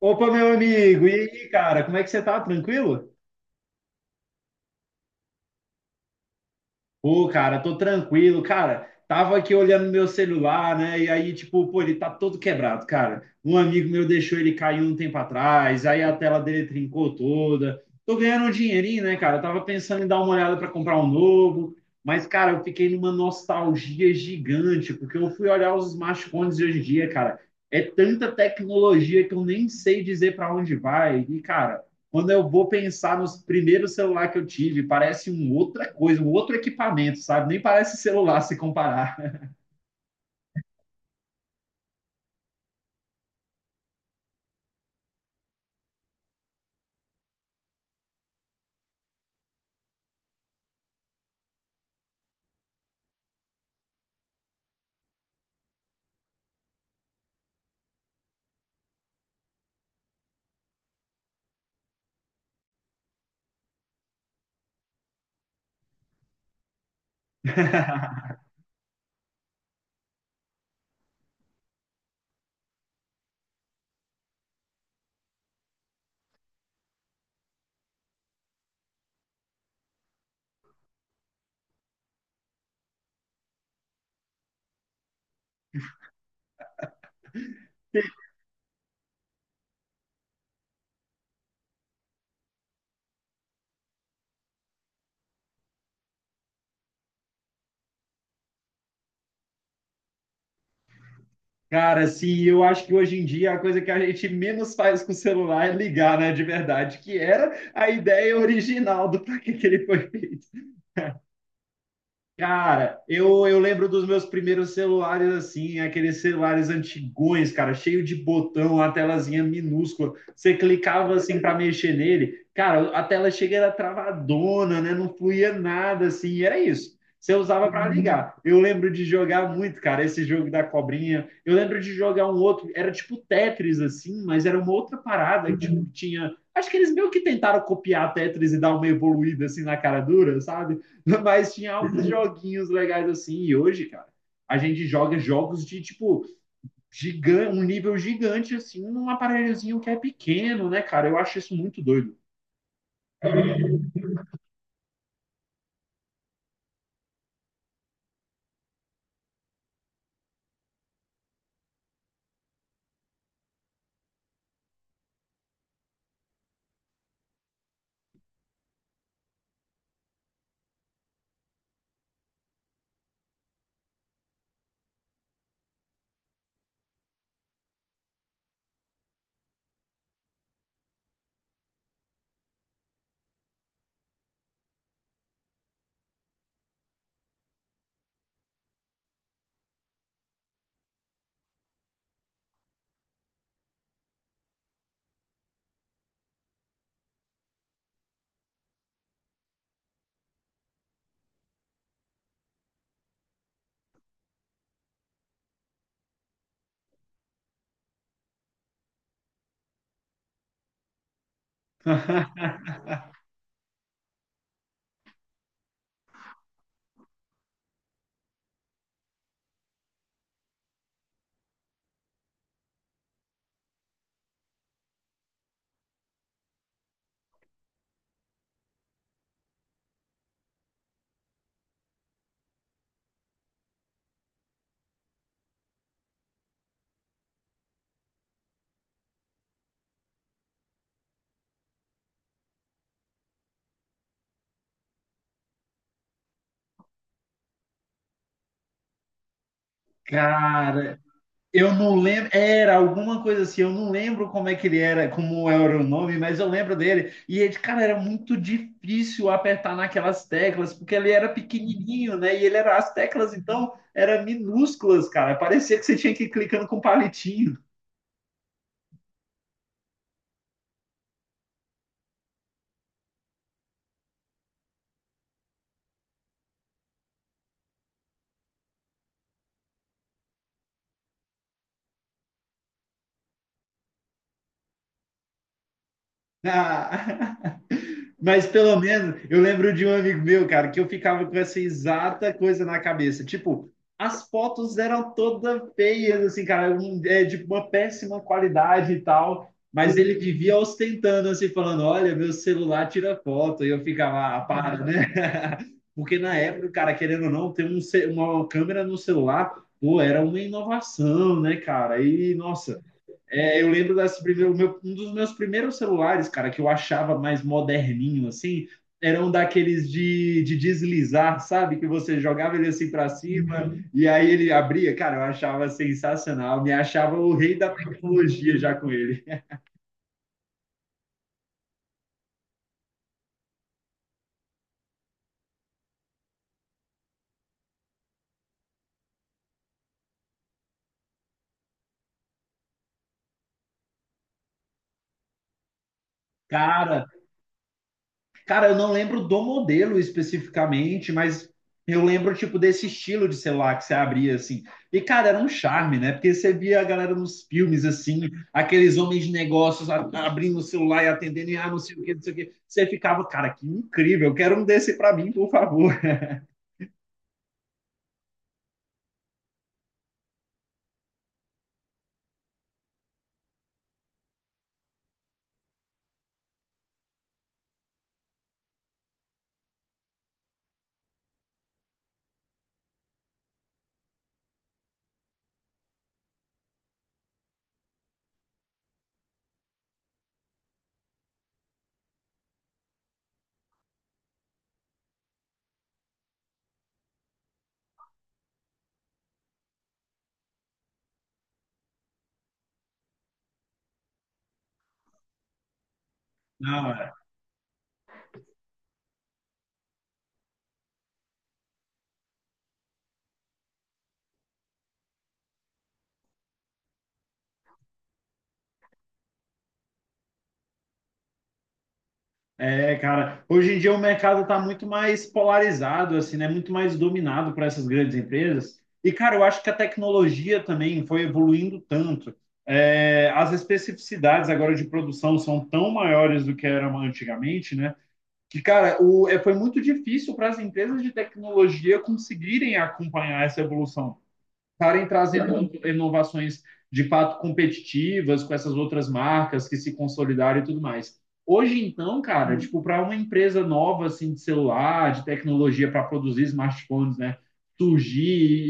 Opa, meu amigo, e aí, cara, como é que você tá? Tranquilo? Pô, cara, tô tranquilo, cara. Tava aqui olhando meu celular, né? E aí, tipo, pô, ele tá todo quebrado, cara. Um amigo meu deixou ele cair um tempo atrás, aí a tela dele trincou toda. Tô ganhando um dinheirinho, né, cara? Tava pensando em dar uma olhada pra comprar um novo, mas, cara, eu fiquei numa nostalgia gigante, porque eu fui olhar os smartphones de hoje em dia, cara. É tanta tecnologia que eu nem sei dizer pra onde vai. E, cara. Quando eu vou pensar nos primeiros celulares que eu tive, parece uma outra coisa, um outro equipamento, sabe? Nem parece celular se comparar. Cara, assim, eu acho que hoje em dia a coisa que a gente menos faz com o celular é ligar, né, de verdade, que era a ideia original do para que, que ele foi feito. Cara, eu lembro dos meus primeiros celulares assim, aqueles celulares antigões, cara, cheio de botão, a telazinha minúscula. Você clicava assim para mexer nele, cara, a tela chega era travadona, né? Não fluía nada assim, era isso. Você usava para ligar. Eu lembro de jogar muito, cara, esse jogo da cobrinha. Eu lembro de jogar um outro, era tipo Tetris assim, mas era uma outra parada, que, tipo, tinha, acho que eles meio que tentaram copiar Tetris e dar uma evoluída assim na cara dura, sabe? Mas tinha alguns joguinhos legais assim. E hoje, cara, a gente joga jogos de tipo gigante, um nível gigante assim, num aparelhozinho que é pequeno, né, cara? Eu acho isso muito doido. Cara, eu não lembro, era alguma coisa assim, eu não lembro como é que ele era, como era o nome, mas eu lembro dele. E ele, cara, era muito difícil apertar naquelas teclas, porque ele era pequenininho, né? E ele era as teclas então eram minúsculas, cara. Parecia que você tinha que ir clicando com um palitinho. Mas pelo menos eu lembro de um amigo meu, cara, que eu ficava com essa exata coisa na cabeça. Tipo, as fotos eram todas feias, assim, cara, é, de uma péssima qualidade e tal. Mas ele vivia ostentando, assim, falando: Olha, meu celular tira foto. E eu ficava, ah, para, né? Porque na época, cara, querendo ou não, ter um uma câmera no celular, pô, era uma inovação, né, cara? E, nossa. É, eu lembro das primeiras, o um dos meus primeiros celulares, cara, que eu achava mais moderninho, assim, eram daqueles de deslizar, sabe? Que você jogava ele assim pra cima. Uhum. E aí ele abria. Cara, eu achava sensacional, me achava o rei da tecnologia já com ele. Cara, Cara, eu não lembro do modelo especificamente, mas eu lembro, tipo, desse estilo de celular que você abria, assim. E, cara, era um charme, né? Porque você via a galera nos filmes, assim, aqueles homens de negócios abrindo o celular e atendendo, e ah, não sei o quê, não sei o quê. Você ficava, cara, que incrível, eu quero um desse pra mim, por favor. Não. É, cara, hoje em dia o mercado está muito mais polarizado, assim, né? Muito mais dominado por essas grandes empresas. E, cara, eu acho que a tecnologia também foi evoluindo tanto. É, as especificidades agora de produção são tão maiores do que eram antigamente, né? Que, cara, o, é, foi muito difícil para as empresas de tecnologia conseguirem acompanhar essa evolução, estarem trazendo inovações de fato competitivas com essas outras marcas que se consolidaram e tudo mais. Hoje então, cara, tipo, para uma empresa nova assim de celular, de tecnologia para produzir smartphones, né, surgir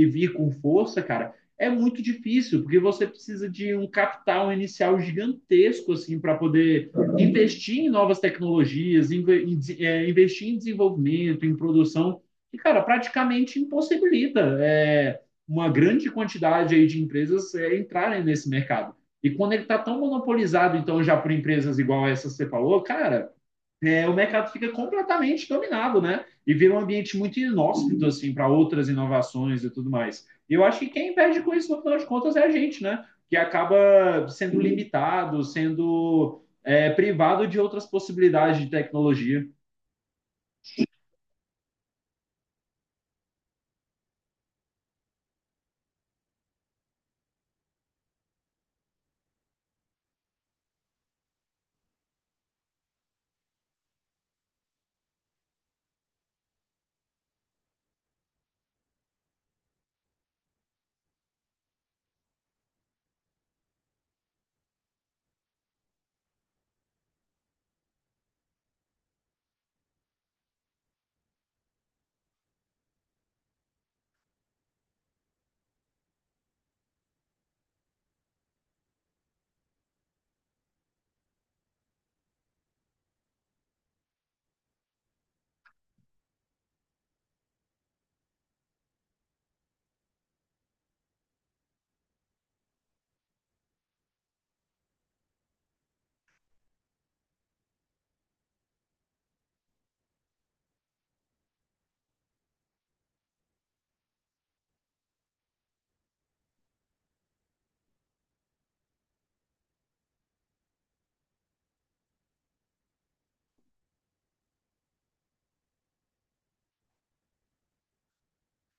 e vir com força, cara, é muito difícil, porque você precisa de um capital inicial gigantesco assim para poder investir em novas tecnologias, investir em desenvolvimento, em produção, e cara, praticamente impossibilita é, uma grande quantidade aí de empresas é, entrarem nesse mercado. E quando ele está tão monopolizado, então, já por empresas igual essa que você falou, cara, é, o mercado fica completamente dominado, né? E vira um ambiente muito inóspito, assim, para outras inovações e tudo mais. E eu acho que quem perde com isso, no final de contas, é a gente, né? Que acaba sendo limitado, sendo é, privado de outras possibilidades de tecnologia.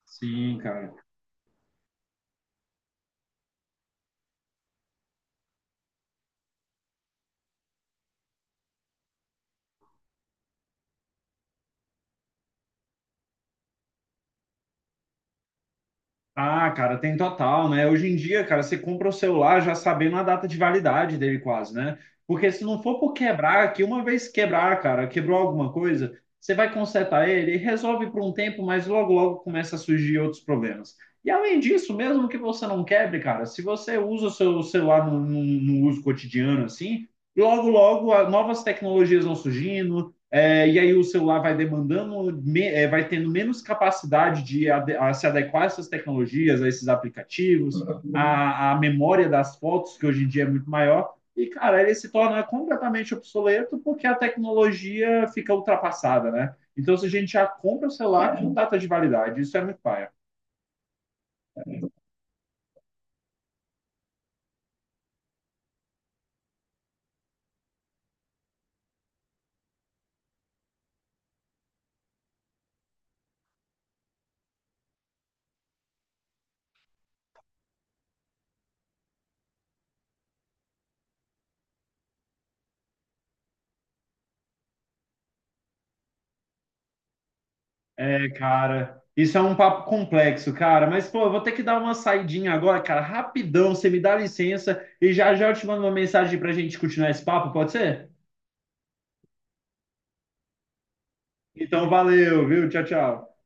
Sim, cara. Ah, cara, tem total, né? Hoje em dia, cara, você compra o celular já sabendo a data de validade dele quase, né? Porque se não for por quebrar, que uma vez quebrar, cara, quebrou alguma coisa, você vai consertar ele e resolve por um tempo, mas logo, logo começa a surgir outros problemas. E além disso, mesmo que você não quebre, cara, se você usa o seu celular no uso cotidiano, assim, logo, logo, novas tecnologias vão surgindo, é, e aí o celular vai demandando, me, é, vai tendo menos capacidade de ade a se adequar a essas tecnologias, a esses aplicativos, a memória das fotos, que hoje em dia é muito maior, e, cara, ele se torna completamente obsoleto porque a tecnologia fica ultrapassada, né? Então, se a gente já compra o celular com data de validade, isso é muito paia. É, cara, isso é um papo complexo, cara. Mas, pô, eu vou ter que dar uma saidinha agora, cara, rapidão. Você me dá licença e já já eu te mando uma mensagem pra gente continuar esse papo, pode ser? Então, valeu, viu? Tchau, tchau.